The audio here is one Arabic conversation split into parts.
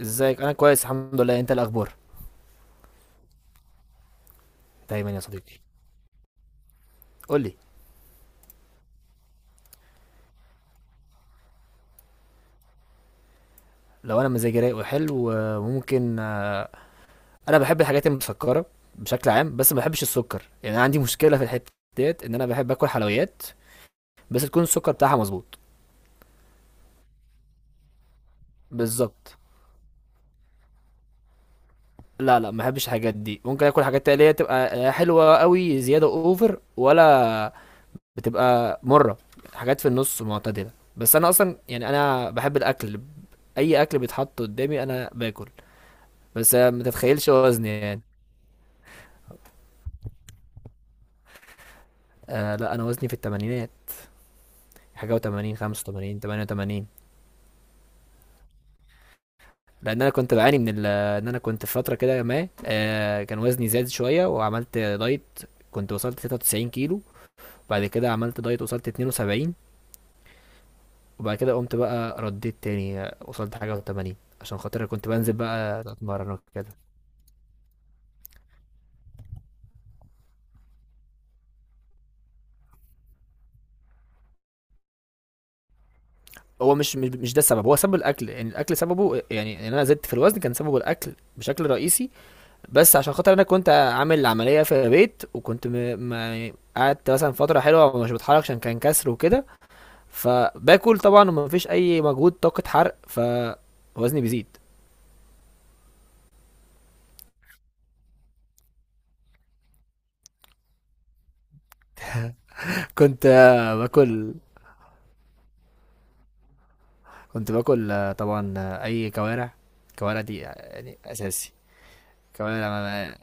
ازيك؟ انا كويس الحمد لله. انت إيه الاخبار؟ دايما يا صديقي. قول لي. لو انا مزاجي رايق وحلو ممكن، انا بحب الحاجات المسكره بشكل عام بس ما بحبش السكر. يعني أنا عندي مشكله في الحته ديت ان انا بحب اكل حلويات بس تكون السكر بتاعها مظبوط. بالظبط. لا لا ما بحبش الحاجات دي. ممكن اكل حاجات اللي هي تبقى لا حلوه قوي زياده اوفر ولا بتبقى مره، حاجات في النص معتدله. بس انا اصلا يعني انا بحب الاكل. اي اكل بيتحط قدامي انا باكل. بس ما تتخيلش وزني يعني. آه لا، انا وزني في الثمانينات، حاجه و80، 85، 88. لان انا كنت بعاني من ان انا كنت في فتره كده ما كان وزني زاد شويه وعملت دايت. كنت وصلت 93 كيلو، بعد كده عملت دايت وصلت 72، وبعد كده قمت بقى رديت تاني، وصلت حاجه و80. عشان خاطر كنت بنزل بقى اتمرن وكده. هو مش ده السبب. هو سبب الاكل. يعني الاكل سببه، يعني ان انا زدت في الوزن كان سببه الاكل بشكل رئيسي. بس عشان خاطر انا كنت عامل عمليه في البيت وكنت ما قعدت مثلا فتره حلوه ومش بتحرك عشان كان كسر وكده. فباكل طبعا ومفيش اي مجهود، طاقه حرق، فوزني بيزيد. كنت باكل. كنت باكل طبعا اي كوارع. كوارع دي يعني اساسي. كوارع ما-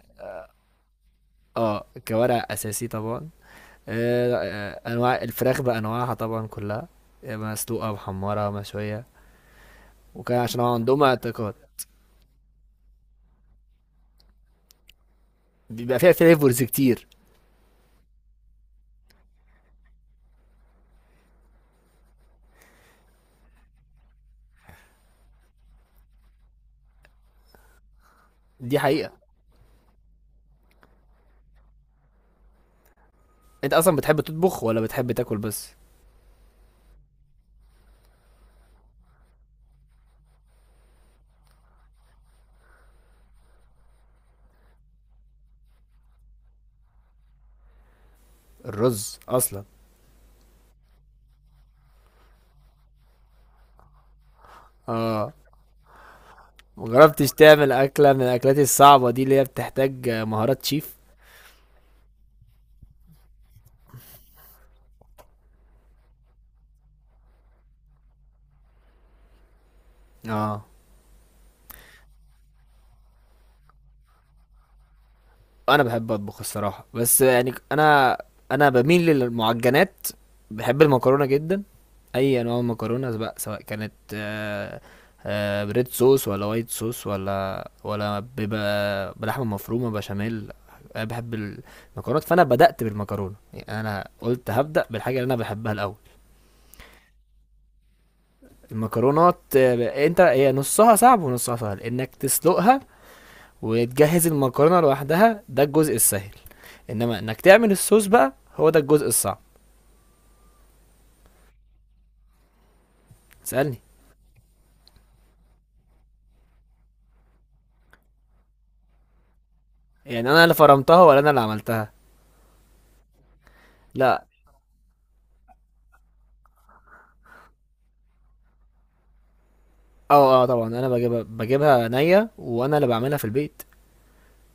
اه، كوارع اساسي طبعا. انواع الفراخ بانواعها طبعا كلها، مسلوقه محمره مشويه. وكان عشان هو عندهم اعتقاد بيبقى فيها فليفرز كتير. دي حقيقة. انت اصلا بتحب تطبخ ولا بتحب تاكل بس؟ الرز اصلا. اه. مجربتش تعمل اكلة من الاكلات الصعبة دي اللي هي بتحتاج مهارات شيف؟ اه. انا بحب اطبخ الصراحة، بس يعني انا، انا بميل للمعجنات. بحب المكرونة جدا. اي انواع مكرونه بقى، سواء كانت بريد صوص ولا وايت صوص ولا بيبقى بلحمه مفرومه بشاميل. انا بحب المكرونات. فانا بدات بالمكرونه. يعني انا قلت هبدا بالحاجه اللي انا بحبها الاول. المكرونات انت هي نصها صعب ونصها سهل، انك تسلقها وتجهز المكرونه لوحدها ده الجزء السهل. انما انك تعمل الصوص بقى هو ده الجزء الصعب. سألني. يعني انا اللي فرمتها ولا انا اللي عملتها؟ لا. اه اه، طبعا انا بجيبها بجيبها نيه وانا اللي بعملها في البيت.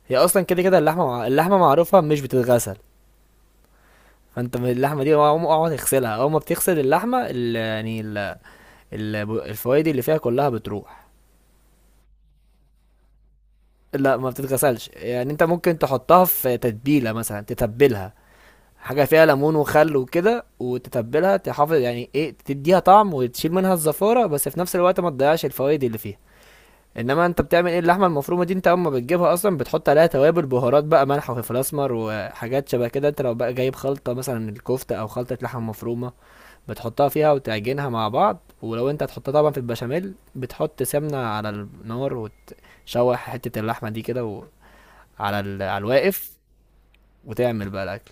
هي اصلا كده كده اللحمه اللحمه معروفه مش بتتغسل. فانت من اللحمه دي اقعد اقعد تغسلها. اول ما بتغسل اللحمه ال... يعني ال... ال... الفوائد اللي فيها كلها بتروح. لا ما بتتغسلش. يعني انت ممكن تحطها في تتبيله مثلا، تتبلها حاجه فيها ليمون وخل وكده وتتبلها. تحافظ يعني ايه؟ تديها طعم وتشيل منها الزفاره، بس في نفس الوقت ما تضيعش الفوائد اللي فيها. انما انت بتعمل ايه؟ اللحمه المفرومه دي انت اما بتجيبها اصلا بتحط عليها توابل بهارات بقى، ملح وفلفل اسمر وحاجات شبه كده. انت لو بقى جايب خلطه مثلا الكفته او خلطه لحمه مفرومه بتحطها فيها وتعجنها مع بعض. ولو انت هتحطها طبعا في البشاميل بتحط سمنه على النار وتشوح حته اللحمه دي على على الواقف وتعمل بقى الاكل.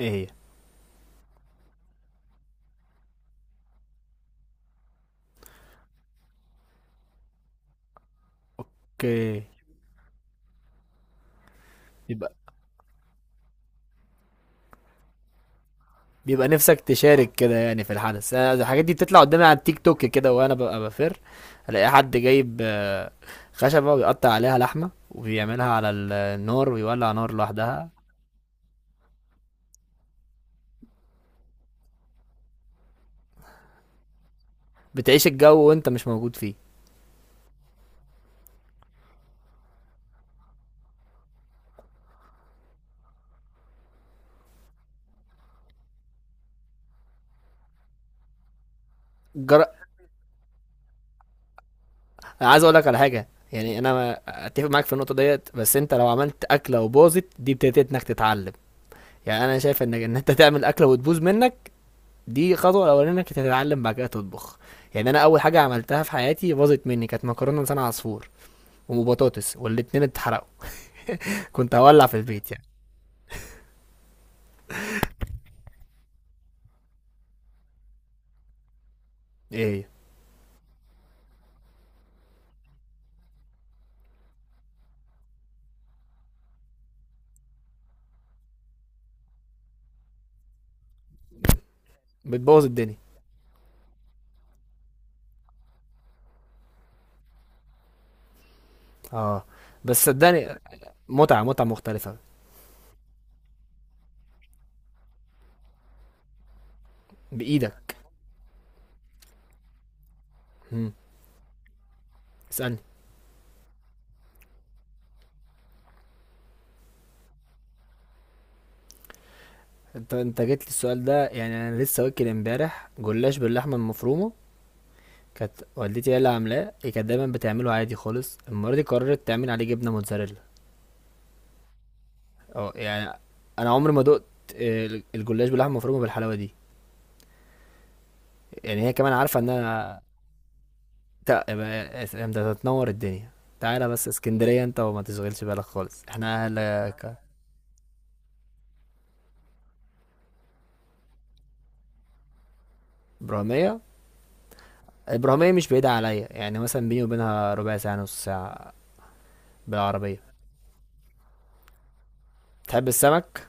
ايه هي؟ اوكي. بيبقى نفسك تشارك كده يعني في الحدث. أنا الحاجات دي بتطلع قدامي على التيك توك كده وانا ببقى بفر، الاقي حد جايب خشبة ويقطع عليها لحمة وبيعملها على النار ويولع نار لوحدها. بتعيش الجو وانت مش موجود فيه. جر... انا عايز اقول لك على حاجة. يعني انا اتفق معاك في النقطة ديت، بس انت لو عملت اكلة وباظت دي ابتديت انك تتعلم. يعني انا شايف انك ان انت تعمل اكلة وتبوظ منك دي خطوة الاولانية انك تتعلم بعد كده تطبخ. يعني انا اول حاجة عملتها في حياتي باظت مني كانت مكرونة لسان عصفور وبطاطس والاتنين اتحرقوا. كنت هولع في البيت يعني. ايه هي؟ بتبوظ الدنيا. اه، بس صدقني، متعة متعة مختلفة. بإيدك. مم. اسألني. انت جيت لي السؤال ده. يعني انا لسه واكل امبارح جلاش باللحمة المفرومة. كانت والدتي هي اللي عاملاه، هي كانت دايما بتعمله عادي خالص، المرة دي قررت تعمل عليه جبنة موتزاريلا. اه، يعني انا عمري ما دقت آه، الجلاش باللحمة المفرومة بالحلاوة دي. يعني هي كمان عارفة ان انا، انت هتنور الدنيا. تعالى بس اسكندرية انت وما تشغلش بالك خالص، احنا اهل. ابراهيمية. ابراهيمية مش بعيدة عليا، يعني مثلا بيني وبينها ربع ساعة نص ساعة بالعربية. تحب السمك؟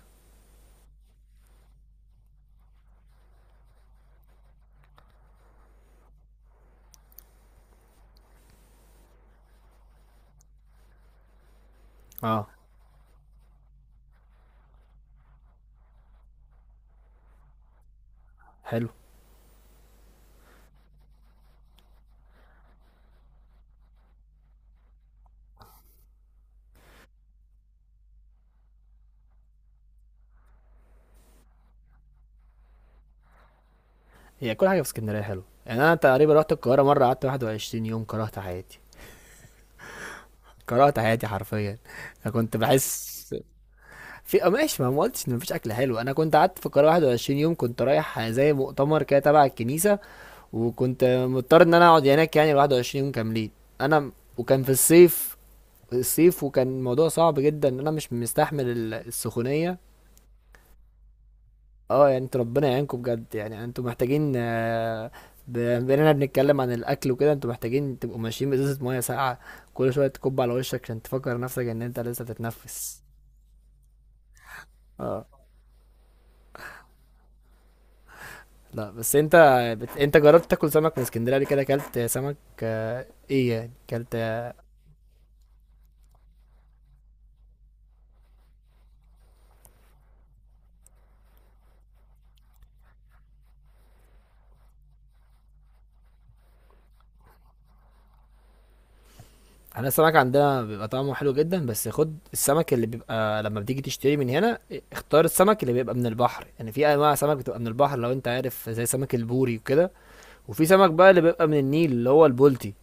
اه. حلو. هي كل حاجة في اسكندرية حلو. يعني انا تقريبا رحت القاهرة مرة قعدت 21 يوم كرهت حياتي. كرهت حياتي حرفيا. انا كنت بحس في ماشي. ما أنا ما قلتش ان مفيش اكل حلو. انا كنت قعدت في القاهرة 21 يوم كنت رايح زي مؤتمر كده تبع الكنيسة. وكنت مضطر ان انا اقعد هناك يعني 21 يوم كاملين. انا م- وكان في الصيف. الصيف وكان الموضوع صعب جدا. انا مش مستحمل السخونية. اه، يعني انتوا ربنا يعينكم بجد. يعني انتوا محتاجين، بما اننا بنتكلم عن الاكل وكده، انتوا محتاجين تبقوا ماشيين بازازة مية ساقعة كل شوية تكب على وشك عشان تفكر نفسك ان انت لسه بتتنفس. اه. لا، بس انت انت جربت تاكل سمك من اسكندرية قبل كده؟ اكلت سمك؟ ايه يعني اكلت. احنا السمك عندنا بيبقى طعمه حلو جدا. بس خد السمك اللي بيبقى لما بتيجي تشتري من هنا، اختار السمك اللي بيبقى من البحر. يعني في انواع سمك بتبقى من البحر، لو انت عارف زي سمك البوري وكده. وفي سمك بقى اللي بيبقى من النيل اللي هو البولتي.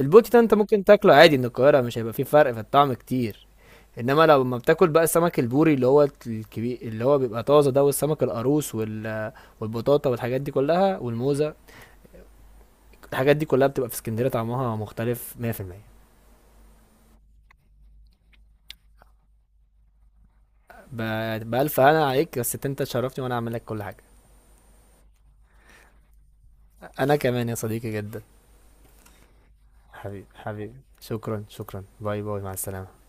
البولتي ده انت ممكن تاكله عادي من القاهرة، مش هيبقى فيه فرق في الطعم كتير. انما لو لما بتاكل بقى السمك البوري اللي هو الكبير اللي هو بيبقى طازه ده، والسمك القاروص والبطاطا والحاجات دي كلها والموزة، الحاجات دي كلها بتبقى في اسكندرية طعمها مختلف 100%. بألف هنا عليك. بس انت تشرفني وانا اعمل لك كل حاجة. انا كمان يا صديقي جدا. حبيبي حبيبي، شكرا شكرا، باي باي، مع السلامة.